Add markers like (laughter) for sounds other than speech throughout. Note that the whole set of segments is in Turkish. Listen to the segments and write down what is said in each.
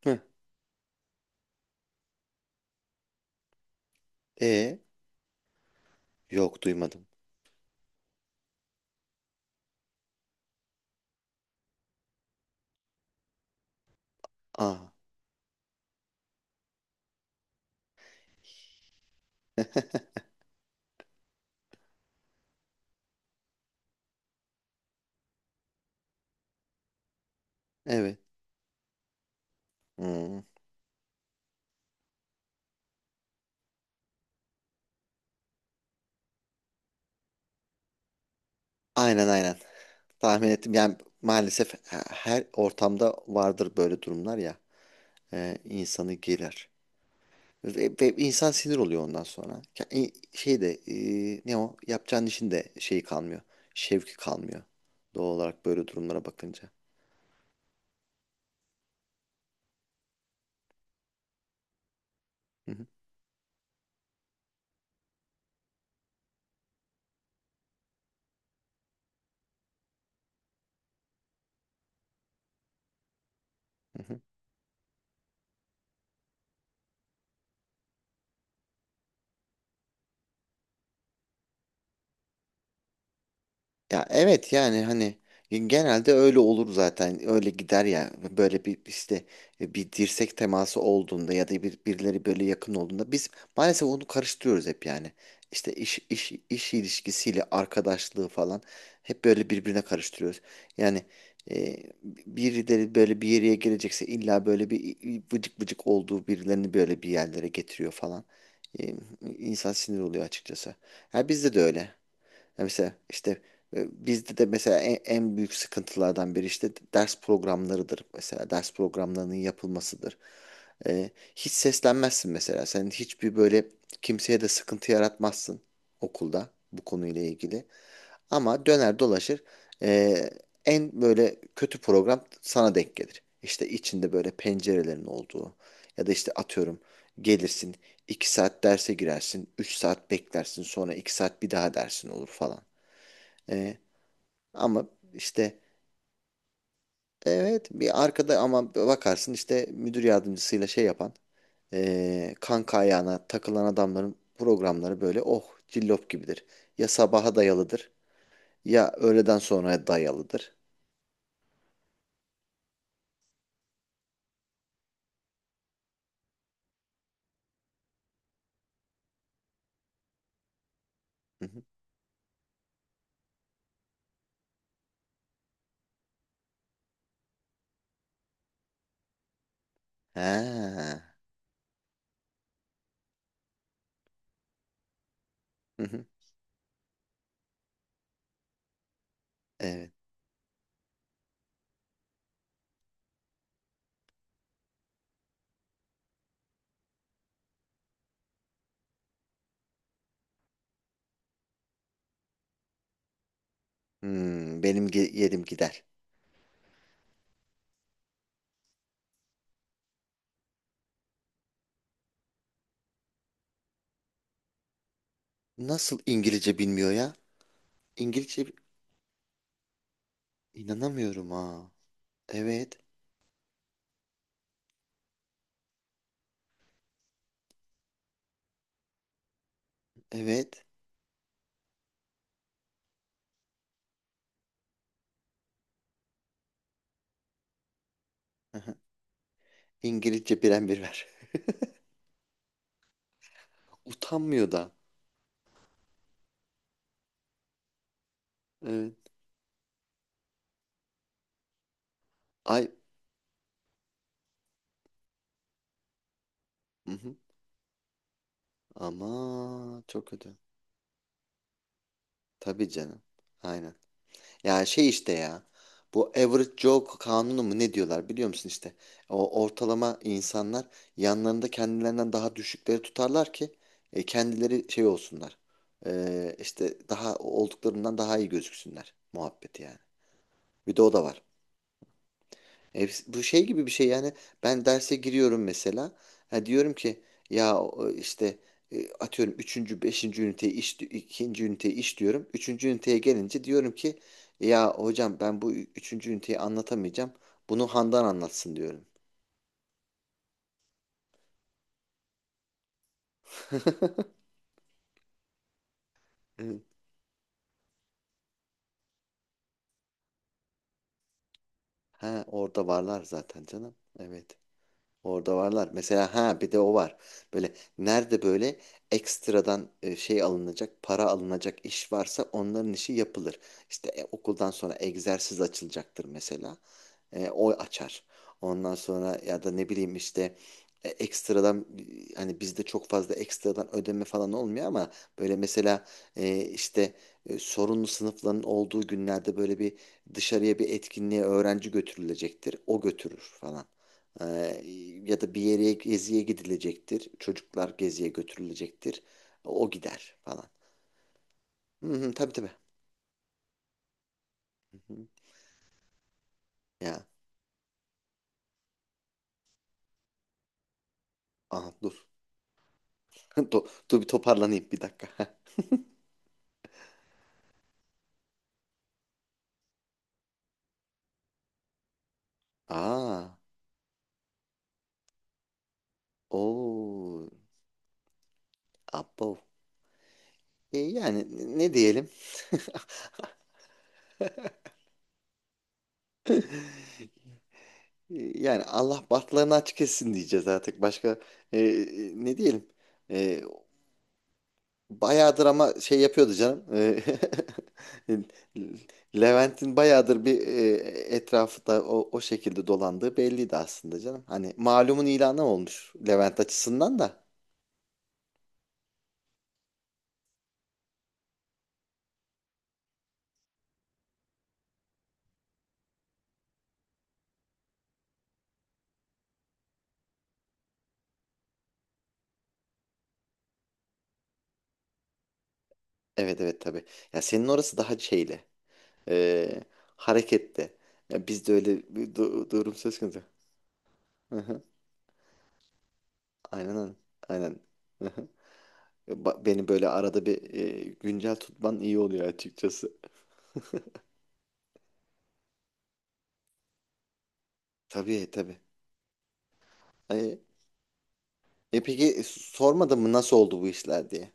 Heh. E yok duymadım. Aa, evet. Hmm. Aynen aynen. Tahmin ettim. Yani maalesef her ortamda vardır böyle durumlar ya. İnsanı gelir. Ve insan sinir oluyor ondan sonra. Ya, şey de ne o? Yapacağın işin de şeyi kalmıyor. Şevki kalmıyor. Doğal olarak böyle durumlara bakınca. Hı hı, hı hı. Ya, evet, yani hani genelde öyle olur zaten. Öyle gider ya. Böyle bir işte bir dirsek teması olduğunda ya da bir, birileri böyle yakın olduğunda biz maalesef onu karıştırıyoruz hep yani. İşte iş ilişkisiyle arkadaşlığı falan hep böyle birbirine karıştırıyoruz. Yani e, birileri böyle bir yere gelecekse illa böyle bir vıcık vıcık olduğu birilerini böyle bir yerlere getiriyor falan. E, insan sinir oluyor açıkçası. Ha, bizde de öyle. Ya, mesela işte bizde de mesela en büyük sıkıntılardan biri işte ders programlarıdır. Mesela ders programlarının yapılmasıdır. E, Hiç seslenmezsin mesela. Sen hiçbir böyle kimseye de sıkıntı yaratmazsın okulda bu konuyla ilgili. Ama döner dolaşır, e, en böyle kötü program sana denk gelir. İşte içinde böyle pencerelerin olduğu ya da işte atıyorum gelirsin 2 saat derse girersin, 3 saat beklersin, sonra 2 saat bir daha dersin olur falan. E, Ama işte evet, bir arkada ama bakarsın işte müdür yardımcısıyla şey yapan, kanka ayağına takılan adamların programları böyle oh cillop gibidir. Ya sabaha dayalıdır ya öğleden sonraya dayalıdır. Hı hı. Ha. Hı hı. Evet. Hmm, benim yerim gider. Nasıl İngilizce bilmiyor ya? İngilizce, inanamıyorum ha. Evet. Evet. Hı hı. İngilizce biren bir ver. (laughs) Utanmıyor da. Evet. Ay. Hı hı. Ama çok kötü. Tabii canım. Aynen. Ya, şey işte ya. Bu average Joe kanunu mu ne diyorlar biliyor musun işte. O ortalama insanlar yanlarında kendilerinden daha düşükleri tutarlar ki kendileri şey olsunlar. İşte daha olduklarından daha iyi gözüksünler muhabbeti yani. Bir de o da var. Bu şey gibi bir şey yani ben derse giriyorum mesela, ha diyorum ki ya, işte atıyorum üçüncü beşinci üniteye iş ikinci üniteye iş diyorum. Üçüncü üniteye gelince diyorum ki ya hocam, ben bu üçüncü üniteyi anlatamayacağım. Bunu Handan anlatsın diyorum. (laughs) Evet. Ha, orada varlar zaten canım. Evet. Orada varlar. Mesela ha, bir de o var. Böyle nerede böyle ekstradan şey alınacak, para alınacak iş varsa onların işi yapılır. İşte okuldan sonra egzersiz açılacaktır mesela. O açar. Ondan sonra ya da ne bileyim işte ekstradan, hani bizde çok fazla ekstradan ödeme falan olmuyor ama böyle mesela işte sorunlu sınıfların olduğu günlerde böyle bir dışarıya bir etkinliğe öğrenci götürülecektir. O götürür falan. Ee, ya da bir yere geziye gidilecektir. Çocuklar geziye götürülecektir. O gider falan. Hı hı, tabii tabii. Hı hı. Ya. Aha, dur. (laughs) Dur bir toparlanayım bir dakika. (laughs) Aa. Oo. Abo. Yani ne diyelim? E, Yani Allah bahtlarını açık etsin diyeceğiz artık. Başka ne diyelim? E, Bayağıdır ama şey yapıyordu canım. (laughs) Levent'in bayağıdır bir etrafta o şekilde dolandığı belliydi aslında canım. Hani malumun ilanı olmuş Levent açısından da. Evet, evet, tabii. Ya, senin orası daha şeyli. eee, Hareketli. Ya bizde öyle bir durum söz konusu. Hı hı. Aynen öyle. Aynen. Hı hı. Beni böyle arada bir güncel tutman iyi oluyor açıkçası. Tabii tabii. Ay. Peki, sormadın mı nasıl oldu bu işler diye?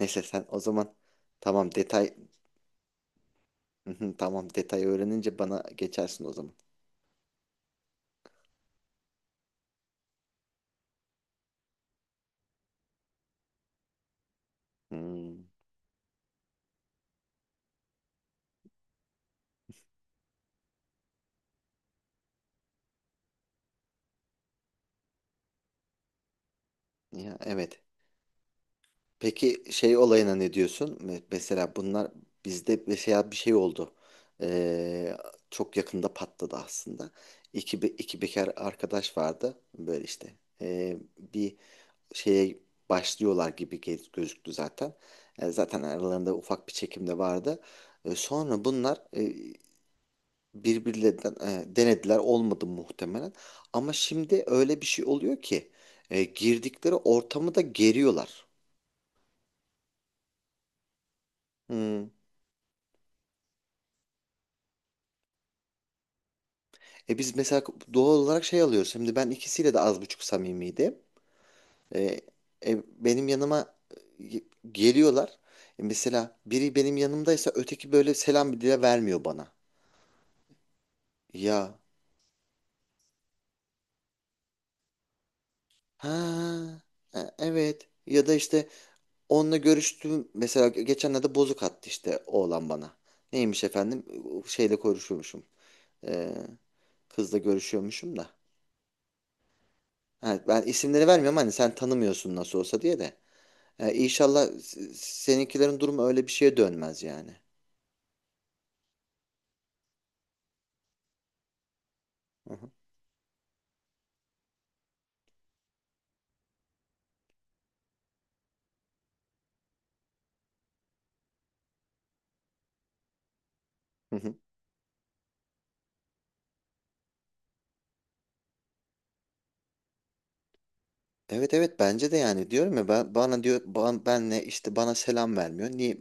Neyse sen o zaman tamam detay (laughs) tamam detay öğrenince bana geçersin o zaman. Hmm, ya evet. Peki şey olayına ne diyorsun? Mesela bunlar bizde mesela bir şey oldu. Ee, çok yakında patladı aslında. İki bekar arkadaş vardı böyle işte. Bir şeye başlıyorlar gibi gözüktü zaten. Zaten aralarında ufak bir çekim de vardı. Sonra bunlar birbirlerinden denediler olmadı muhtemelen. Ama şimdi öyle bir şey oluyor ki girdikleri ortamı da geriyorlar. Hmm. Biz mesela doğal olarak şey alıyoruz. Şimdi ben ikisiyle de az buçuk samimiydim. E, benim yanıma e, geliyorlar. Mesela biri benim yanımdaysa öteki böyle selam bile vermiyor bana. Ya, ha, evet. Ya da işte onunla görüştüm. Mesela geçenlerde bozuk attı işte oğlan bana. Neymiş efendim? Şeyle görüşüyormuşum. Ee, kızla görüşüyormuşum da. Ha, ben isimleri vermiyorum hani sen tanımıyorsun nasıl olsa diye de. İnşallah, inşallah seninkilerin durumu öyle bir şeye dönmez yani. Hı hı. Hı hı. Evet, evet, bence de yani diyorum ya ben bana diyor ben, benle işte bana selam vermiyor. Niye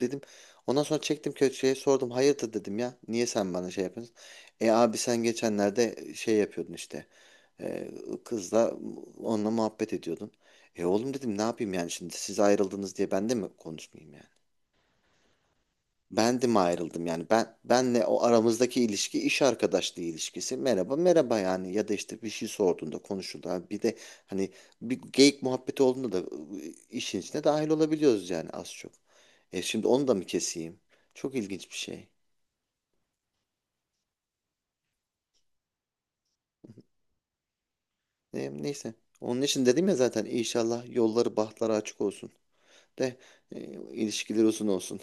dedim. Ondan sonra çektim köşeye sordum hayırdır dedim ya. Niye sen bana şey yapıyorsun? Abi sen geçenlerde şey yapıyordun işte. E, Kızla onunla muhabbet ediyordun. Oğlum dedim ne yapayım yani şimdi siz ayrıldınız diye ben de mi konuşmayayım yani? Ben de mi ayrıldım yani ben benle o aramızdaki ilişki iş arkadaşlığı ilişkisi merhaba merhaba yani ya da işte bir şey sorduğunda konuşuldu. Ha, bir de hani bir geyik muhabbeti olduğunda da işin içine dahil olabiliyoruz yani az çok. Şimdi onu da mı keseyim? Çok ilginç bir şey. Neyse onun için dedim ya zaten inşallah yolları bahtları açık olsun de e, ilişkileri uzun olsun.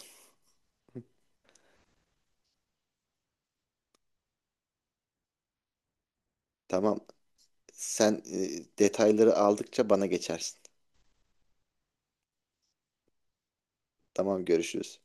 Tamam sen detayları aldıkça bana geçersin. Tamam görüşürüz.